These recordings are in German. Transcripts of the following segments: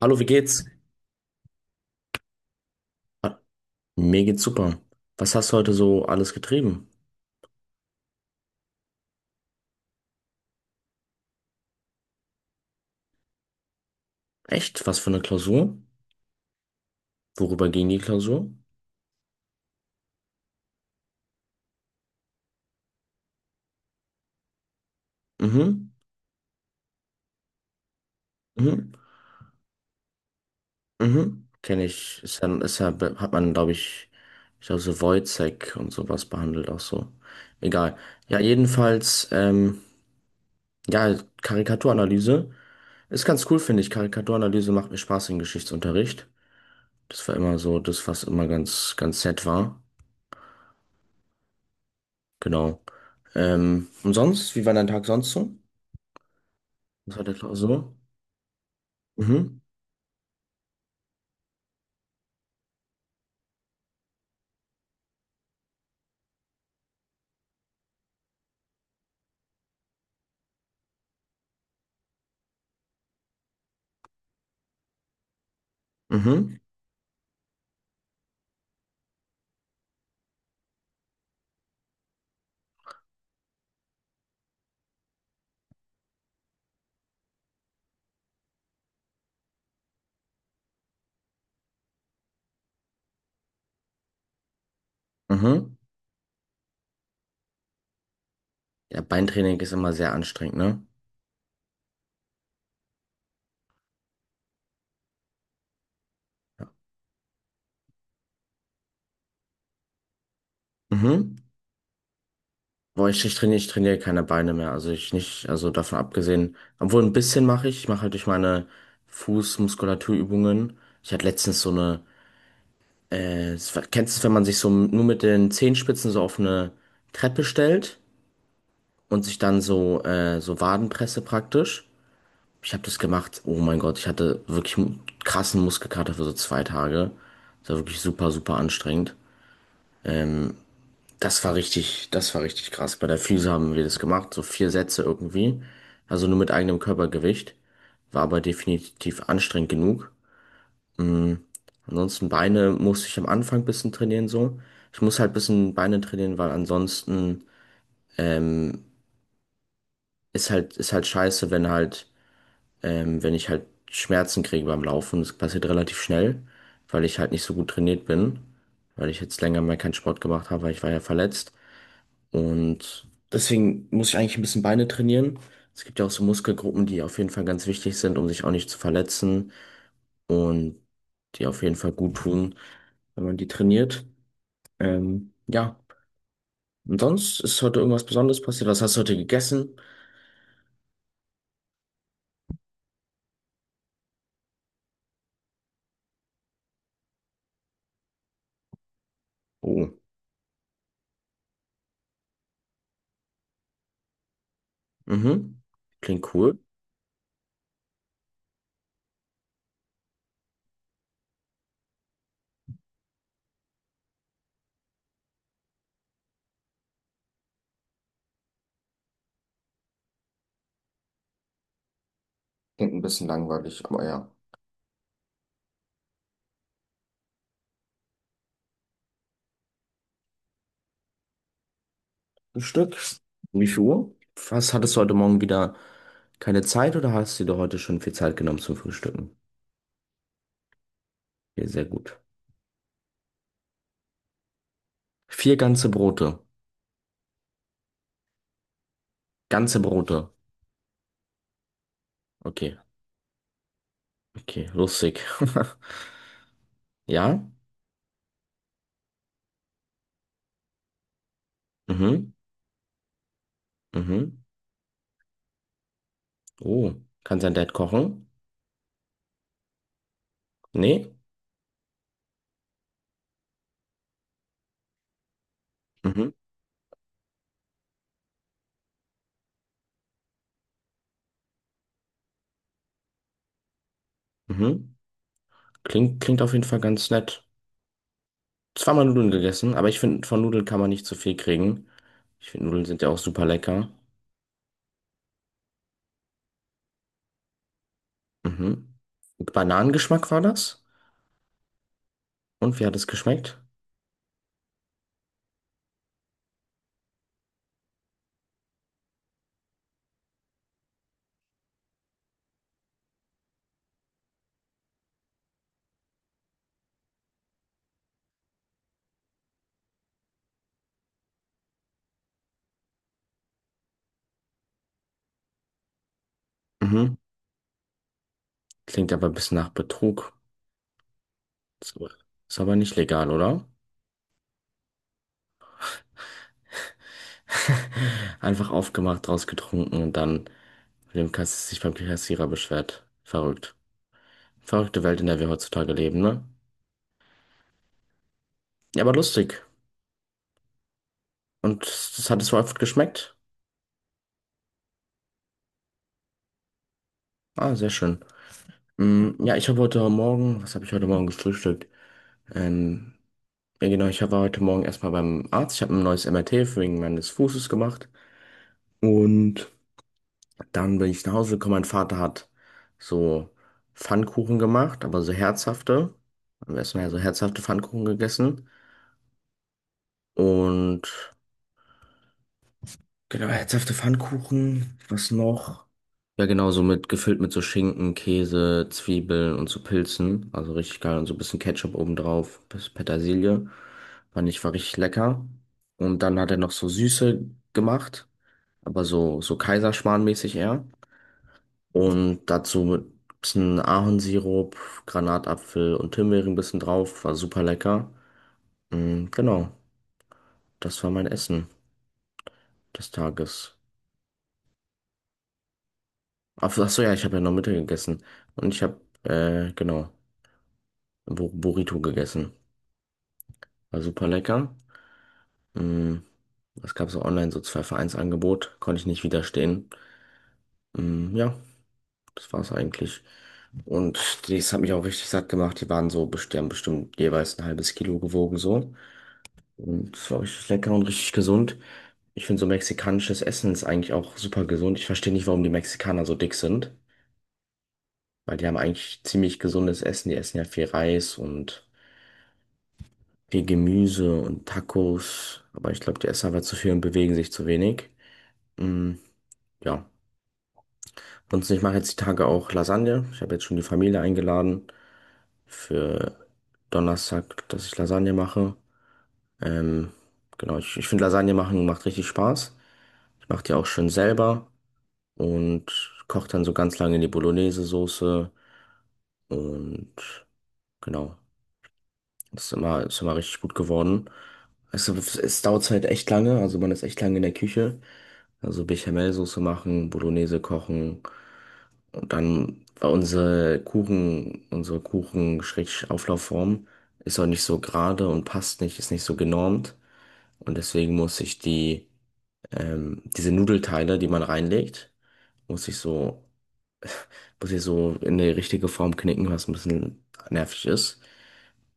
Hallo, wie geht's? Ah, mir geht's super. Was hast du heute so alles getrieben? Echt? Was für eine Klausur? Worüber ging die Klausur? Mhm, mhm, mhm. Kenne ich. Ist ja, hat man, ich glaube, so Wojcik und sowas behandelt auch so. Egal. Ja, jedenfalls, ja, Karikaturanalyse ist ganz cool, finde ich. Karikaturanalyse macht mir Spaß im Geschichtsunterricht. Das war immer so das, was immer ganz, ganz nett war. Genau. Und sonst, wie war dein Tag sonst so? Das war der Klausur. Mhm. Mhm. Mhm. Ja, Beintraining ist immer sehr anstrengend, ne? Mhm. Boah, ich trainiere keine Beine mehr. Also ich nicht, also davon abgesehen. Obwohl ein bisschen mache ich. Ich mache halt durch meine Fußmuskulaturübungen. Ich hatte letztens so eine, es kennst du es, wenn man sich so nur mit den Zehenspitzen so auf eine Treppe stellt und sich dann so, so Wadenpresse praktisch? Ich habe das gemacht. Oh mein Gott, ich hatte wirklich krassen Muskelkater für so zwei Tage. Das war wirklich super, super anstrengend. Das war richtig krass. Bei der Füße haben wir das gemacht, so vier Sätze irgendwie. Also nur mit eigenem Körpergewicht. War aber definitiv anstrengend genug. Ansonsten Beine musste ich am Anfang ein bisschen trainieren so. Ich muss halt ein bisschen Beine trainieren, weil ansonsten ist halt scheiße, wenn halt wenn ich halt Schmerzen kriege beim Laufen. Das passiert relativ schnell, weil ich halt nicht so gut trainiert bin, weil ich jetzt länger mal keinen Sport gemacht habe, weil ich war ja verletzt. Und deswegen muss ich eigentlich ein bisschen Beine trainieren. Es gibt ja auch so Muskelgruppen, die auf jeden Fall ganz wichtig sind, um sich auch nicht zu verletzen und die auf jeden Fall gut tun, wenn man die trainiert. Ähm, ja. Und sonst ist heute irgendwas Besonderes passiert? Was hast du heute gegessen? Oh, mhm. Klingt cool. Klingt ein bisschen langweilig, aber ja. Frühstück? Wie viel Uhr? Was hattest du heute Morgen wieder keine Zeit oder hast du dir heute schon viel Zeit genommen zum Frühstücken? Okay, sehr gut. Vier ganze Brote. Ganze Brote. Okay, okay, lustig. Ja? Mhm, mhm. Oh, kann sein Dad kochen? Nee? Mhm, mhm. Klingt auf jeden Fall ganz nett. Zweimal Nudeln gegessen, aber ich finde, von Nudeln kann man nicht zu viel kriegen. Ich finde, Nudeln sind ja auch super lecker. Mhm. Bananengeschmack war das? Und wie hat es geschmeckt? Mhm. Klingt aber ein bisschen nach Betrug. Ist aber ist aber nicht legal, oder? Einfach aufgemacht, rausgetrunken und dann mit dem Kass sich beim Kassierer beschwert. Verrückt. Verrückte Welt, in der wir heutzutage leben, ne? Ja, aber lustig. Und das hat es wohl gut geschmeckt. Ah, sehr schön. Mm, ja, ich habe heute Morgen, was habe ich heute Morgen gefrühstückt? Ähm, ja, genau, ich war heute Morgen erstmal beim Arzt. Ich habe ein neues MRT wegen meines Fußes gemacht. Und dann bin ich nach Hause gekommen. Mein Vater hat so Pfannkuchen gemacht, aber so herzhafte. Am ersten Mal so herzhafte Pfannkuchen gegessen. Und genau, herzhafte Pfannkuchen. Was noch? Ja, genau, so mit gefüllt mit so Schinken, Käse, Zwiebeln und so Pilzen. Also richtig geil. Und so ein bisschen Ketchup obendrauf, bisschen Petersilie. Fand ich, war richtig lecker. Und dann hat er noch so Süße gemacht, aber so, so Kaiserschmarrnmäßig eher. Und dazu mit ein bisschen Ahornsirup, Granatapfel und Himbeeren ein bisschen drauf. War super lecker. Mm, genau, das war mein Essen des Tages. Ach so, ja, ich habe ja noch Mittag gegessen. Und ich habe, genau, ein Burrito gegessen. War super lecker. Mm, es gab so online so zwei Vereinsangebot, konnte ich nicht widerstehen. Mm, ja, das war's eigentlich. Und das hat mich auch richtig satt gemacht. Die waren so, die haben bestimmt jeweils ein halbes Kilo gewogen so. Und es war richtig lecker und richtig gesund. Ich finde, so mexikanisches Essen ist eigentlich auch super gesund. Ich verstehe nicht, warum die Mexikaner so dick sind, weil die haben eigentlich ziemlich gesundes Essen. Die essen ja viel Reis und viel Gemüse und Tacos. Aber ich glaube, die essen einfach zu viel und bewegen sich zu wenig. Mm, ja. Sonst ich mache jetzt die Tage auch Lasagne. Ich habe jetzt schon die Familie eingeladen für Donnerstag, dass ich Lasagne mache. Ähm, genau, ich finde Lasagne machen macht richtig Spaß. Ich mache die auch schön selber und kocht dann so ganz lange in die Bolognese-Soße und genau, das ist immer richtig gut geworden. Also, es dauert halt echt lange, also man ist echt lange in der Küche. Also Bechamelsoße machen, Bolognese kochen und dann war unsere Kuchen-Auflaufform ist auch nicht so gerade und passt nicht, ist nicht so genormt und deswegen muss ich die diese Nudelteile, die man reinlegt, muss ich so muss sie so in die richtige Form knicken, was ein bisschen nervig ist.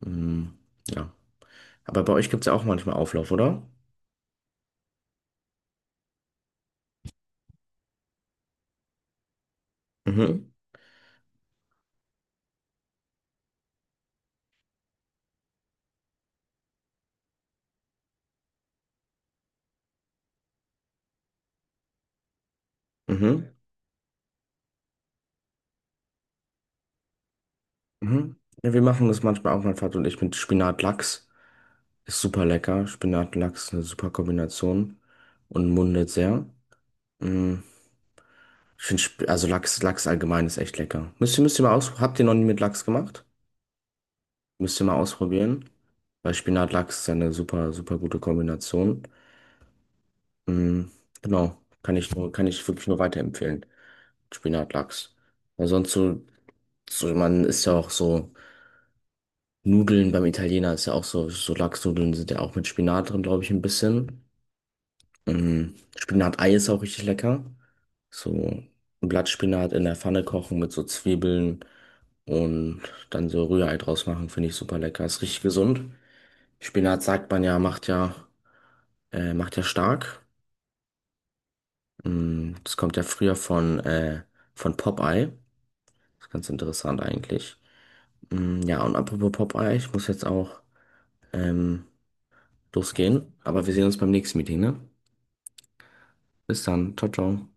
Mhm. Ja. Aber bei euch gibt es ja auch manchmal Auflauf, oder? Mhm. Mhm. Mhm. Ja, wir machen das manchmal auch, mein Vater und ich, mit Spinatlachs. Ist super lecker. Spinatlachs ist eine super Kombination und mundet sehr. Mhm. Ich finde, also Lachs, Lachs allgemein ist echt lecker. Müsst ihr mal aus, habt ihr noch nie mit Lachs gemacht? Müsst ihr mal ausprobieren. Weil Spinatlachs ist ja eine super, super gute Kombination. Mm, genau, kann ich wirklich nur weiterempfehlen. Spinatlachs. Weil sonst so, so, man ist ja auch so, Nudeln beim Italiener ist ja auch so, so Lachsnudeln sind ja auch mit Spinat drin, glaube ich, ein bisschen. Mm, Spinatei ist auch richtig lecker. So ein Blattspinat in der Pfanne kochen mit so Zwiebeln und dann so Rührei draus machen, finde ich super lecker. Ist richtig gesund. Spinat sagt man ja, macht ja, macht ja stark. Mm, das kommt ja früher von Popeye. Das ist ganz interessant eigentlich. Mm, ja, und apropos Popeye, ich muss jetzt auch ähm, losgehen. Aber wir sehen uns beim nächsten Meeting, ne? Bis dann. Ciao, ciao.